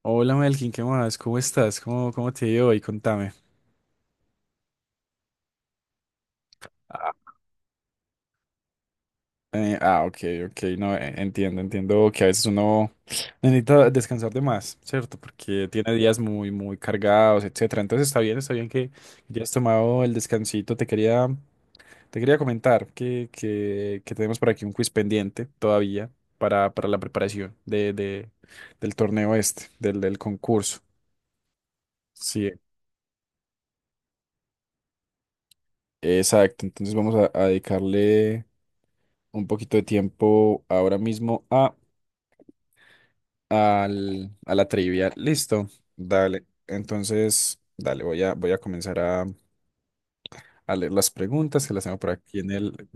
Hola Melkin, ¿qué más? ¿Cómo estás? ¿Cómo te ha ido hoy? Contame. Ah, ah, ok, ok, no, entiendo que a veces uno necesita descansar de más, ¿cierto? Porque tiene días muy cargados, etcétera. Entonces está bien que ya has tomado el descansito. Te quería comentar que tenemos por aquí un quiz pendiente todavía para la preparación del torneo este, del concurso. Sí, exacto. Entonces vamos a dedicarle un poquito de tiempo ahora mismo a la trivia. Listo, dale. Entonces, dale, voy a comenzar a leer las preguntas que las tengo por aquí en el...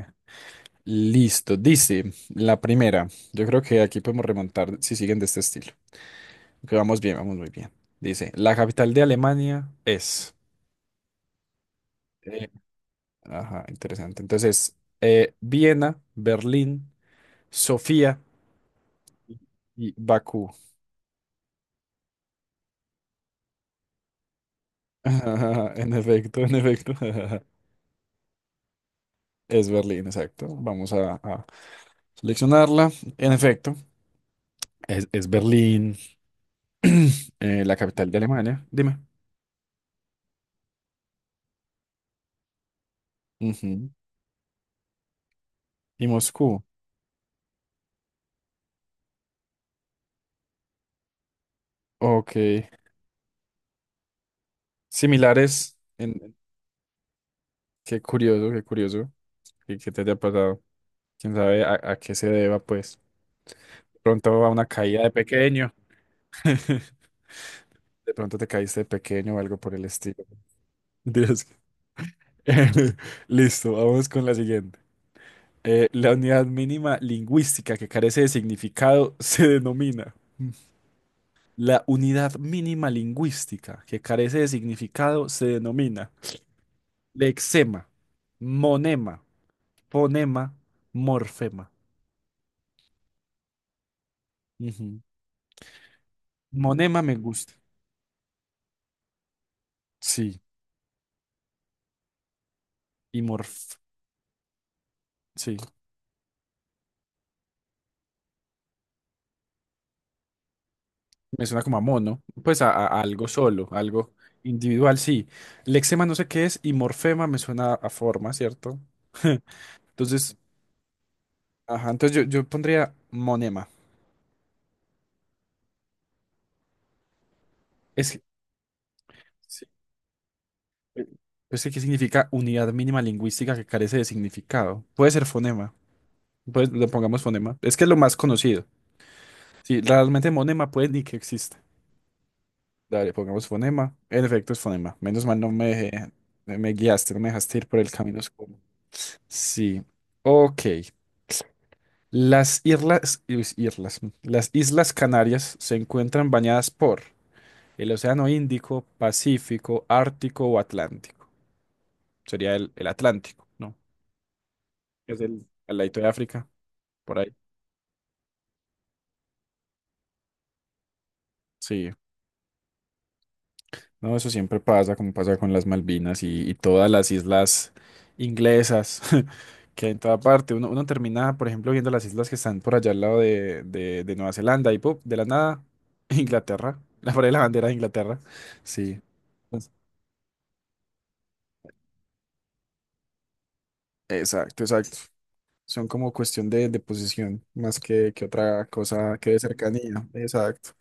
Listo, dice la primera. Yo creo que aquí podemos remontar si siguen de este estilo. Que vamos bien, vamos muy bien. Dice, la capital de Alemania es... Eh, ajá, interesante. Entonces, Viena, Berlín, Sofía y Bakú. En efecto, en efecto. Es Berlín, exacto. Vamos a seleccionarla. En efecto, es Berlín, la capital de Alemania. Dime. Ujú. Y Moscú. Ok. Similares. Qué curioso, qué curioso. ¿Y qué te haya pasado? ¿Quién sabe a qué se deba, pues? Pronto va una caída de pequeño. De pronto te caíste de pequeño o algo por el estilo. Dios. Listo, vamos con la siguiente. La unidad mínima lingüística que carece de significado se denomina. La unidad mínima lingüística que carece de significado se denomina lexema, monema, fonema, morfema. Ujú. Monema me gusta. Sí, y morf. Sí, me suena como a mono. Pues a, a algo solo, algo individual, sí. Lexema no sé qué es y morfema me suena a forma, ¿cierto? Entonces, ajá, entonces yo pondría monema. Es, sí, eh, pues, sí, ¿qué significa unidad mínima lingüística que carece de significado? Puede ser fonema. Pues le pongamos fonema. Es que es lo más conocido. Sí, realmente monema puede ni que exista. Dale, pongamos fonema. En efecto, es fonema. Menos mal no me, dejé- me guiaste, no me dejaste ir por el camino oscuro. Sí. Ok. Las Islas Canarias se encuentran bañadas por el Océano Índico, Pacífico, Ártico o Atlántico. Sería el Atlántico, ¿no? Es el ladito de África, por ahí. Sí. No, eso siempre pasa, como pasa con las Malvinas y todas las islas inglesas que hay en toda parte. Uno termina, por ejemplo, viendo las islas que están por allá al lado de Nueva Zelanda y ¡pum!, de la nada, Inglaterra. La pared de la bandera de Inglaterra. Sí. Entonces- Exacto, exacto. Son como cuestión de posición más que otra cosa que de cercanía. Exacto.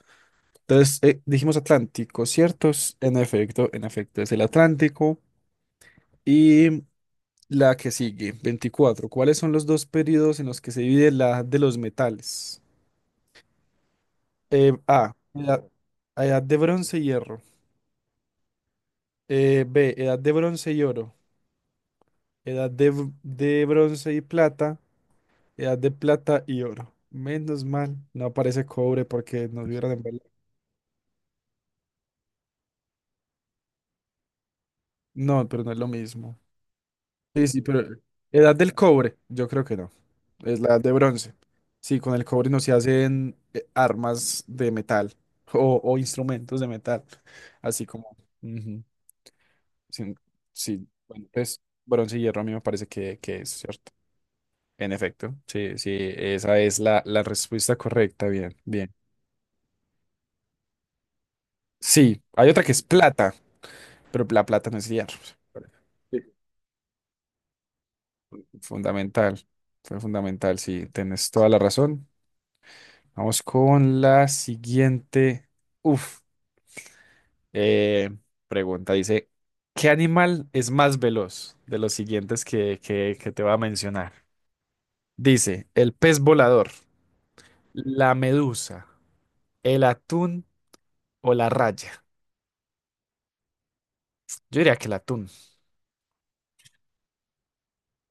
Entonces, dijimos Atlántico, ¿cierto? En efecto, es el Atlántico. Y la que sigue, 24. ¿Cuáles son los dos periodos en los que se divide la edad de los metales? A, edad de bronce y hierro. B, edad de bronce y oro. Edad de bronce y plata. Edad de plata y oro. Menos mal, no aparece cobre porque nos hubieran embalado. No, pero no es lo mismo. Sí, sí, pero edad del cobre, yo creo que no. Es la edad de bronce. Sí, con el cobre no se hacen armas de metal o instrumentos de metal, así como... ujú. Sí, sí, bueno, pues bronce y hierro a mí me parece que es cierto. En efecto, sí, sí, esa es la, la respuesta correcta, bien, bien. Sí, hay otra que es plata, pero la plata no es hierro. Sí. Fundamental, fue fundamental, sí, tienes toda la razón. Vamos con la siguiente. Uf, eh, pregunta. Dice, ¿qué animal es más veloz de los siguientes que te voy a mencionar? Dice, el pez volador, la medusa, el atún o la raya. Yo diría que el atún.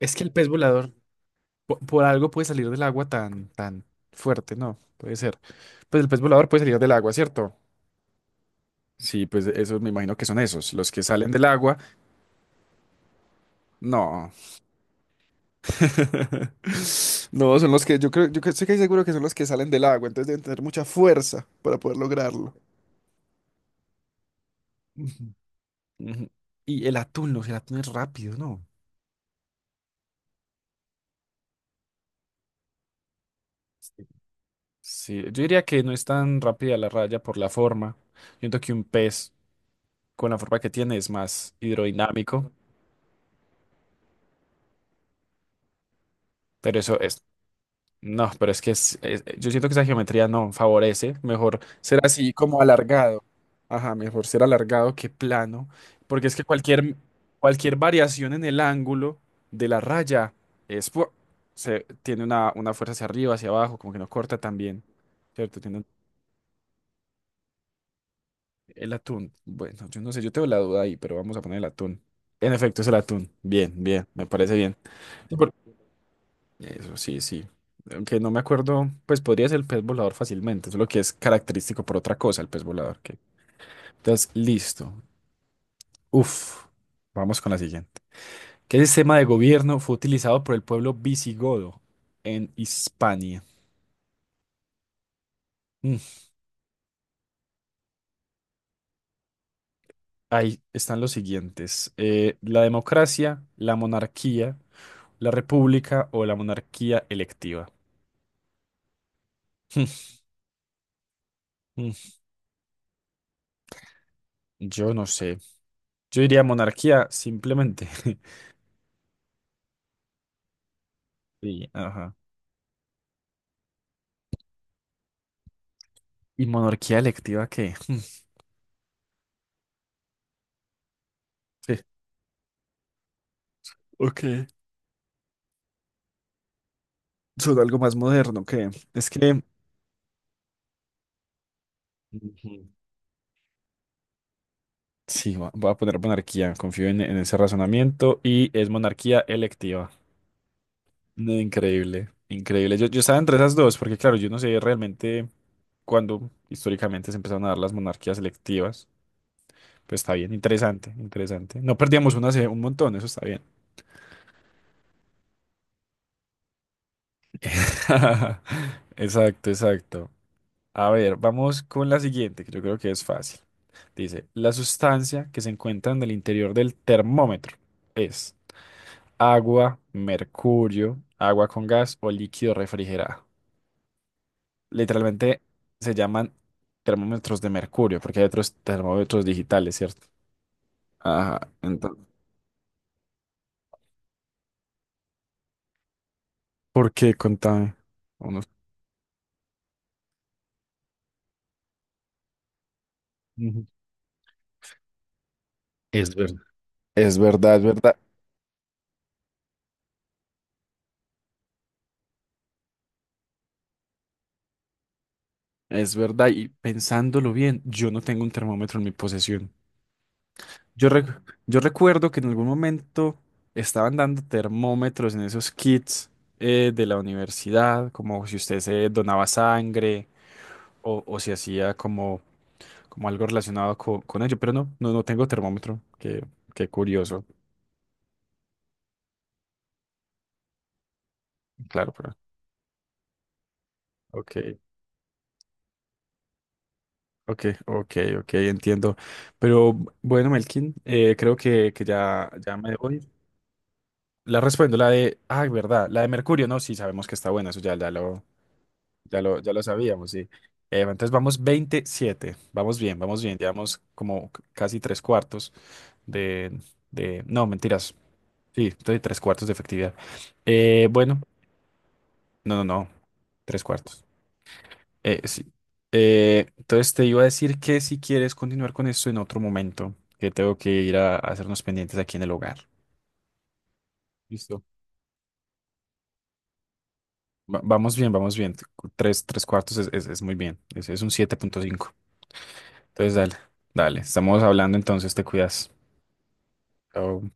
Es que el pez volador, por algo puede salir del agua tan, tan fuerte, ¿no? Puede ser. Pues el pez volador puede salir del agua, ¿cierto? Sí, pues esos me imagino que son esos, los que salen del agua. No. No, son los que yo creo, yo estoy casi seguro que son los que salen del agua, entonces deben tener mucha fuerza para poder lograrlo. Ujú, ujú. Y el atún, los el atún es rápido, ¿no? Sí, sí, yo diría que no es tan rápida la raya por la forma. Yo siento que un pez con la forma que tiene es más hidrodinámico, pero eso es no, pero es que yo siento que esa geometría no favorece. Mejor ser así como alargado. Ajá, mejor ser alargado que plano. Porque es que cualquier variación en el ángulo de la raya es, pu- tiene una fuerza hacia arriba, hacia abajo, como que no corta tan bien. ¿Cierto? Tiene un- el atún. Bueno, yo no sé, yo tengo la duda ahí, pero vamos a poner el atún. En efecto, es el atún. Bien, bien, me parece bien. Eso, sí, sí. Aunque no me acuerdo, pues podría ser el pez volador fácilmente, solo que es característico por otra cosa el pez volador. Que... Entonces, listo. Uf, vamos con la siguiente. ¿Qué sistema de gobierno fue utilizado por el pueblo visigodo en Hispania? Mm, Ahí están los siguientes. La democracia, la monarquía, la república o la monarquía electiva. Mm, yo no sé. Yo diría monarquía simplemente. Sí, ajá. ¿Y monarquía electiva qué? Sí, ok. Son algo más moderno que es que Ujú, sí, voy a poner monarquía. Confío en ese razonamiento y es monarquía electiva. No, increíble, increíble. Yo estaba entre esas dos porque, claro, yo no sé realmente cuándo históricamente se empezaron a dar las monarquías electivas. Pues está bien, interesante, interesante. No perdíamos una hace un montón, eso está bien. Exacto, exacto. A ver, vamos con la siguiente, que yo creo que es fácil. Dice, la sustancia que se encuentra en el interior del termómetro es agua, mercurio, agua con gas o líquido refrigerado. Literalmente se llaman termómetros de mercurio, porque hay otros termómetros digitales, ¿cierto? Ajá, entonces. ¿Por qué? Contame. Uno- ujú. Es verdad. Es verdad, es verdad. Es verdad, y pensándolo bien, yo no tengo un termómetro en mi posesión. Yo, rec- yo recuerdo que en algún momento estaban dando termómetros en esos kits de la universidad, como si usted se donaba sangre o si hacía como, como algo relacionado con ello, pero no, no, no tengo termómetro, qué curioso, claro, pero ok, ok, ok, ok, entiendo. Pero bueno, Melkin, creo que ya, ya me voy. La respondo, la de, ah, verdad, la de mercurio, no, sí, sabemos que está buena, eso ya lo sabíamos, sí. Entonces vamos 27. Vamos bien, vamos bien. Llevamos como c- casi tres cuartos de, No, mentiras. Sí, estoy tres cuartos de efectividad. Bueno, no, no, no. Tres cuartos. Sí. Entonces te iba a decir que si quieres continuar con esto en otro momento, que tengo que ir a hacer unos pendientes aquí en el hogar. Listo. Vamos bien, vamos bien. Tres cuartos es muy bien. Es un 7,5. Entonces dale, dale. Estamos hablando entonces, te cuidas. Oh,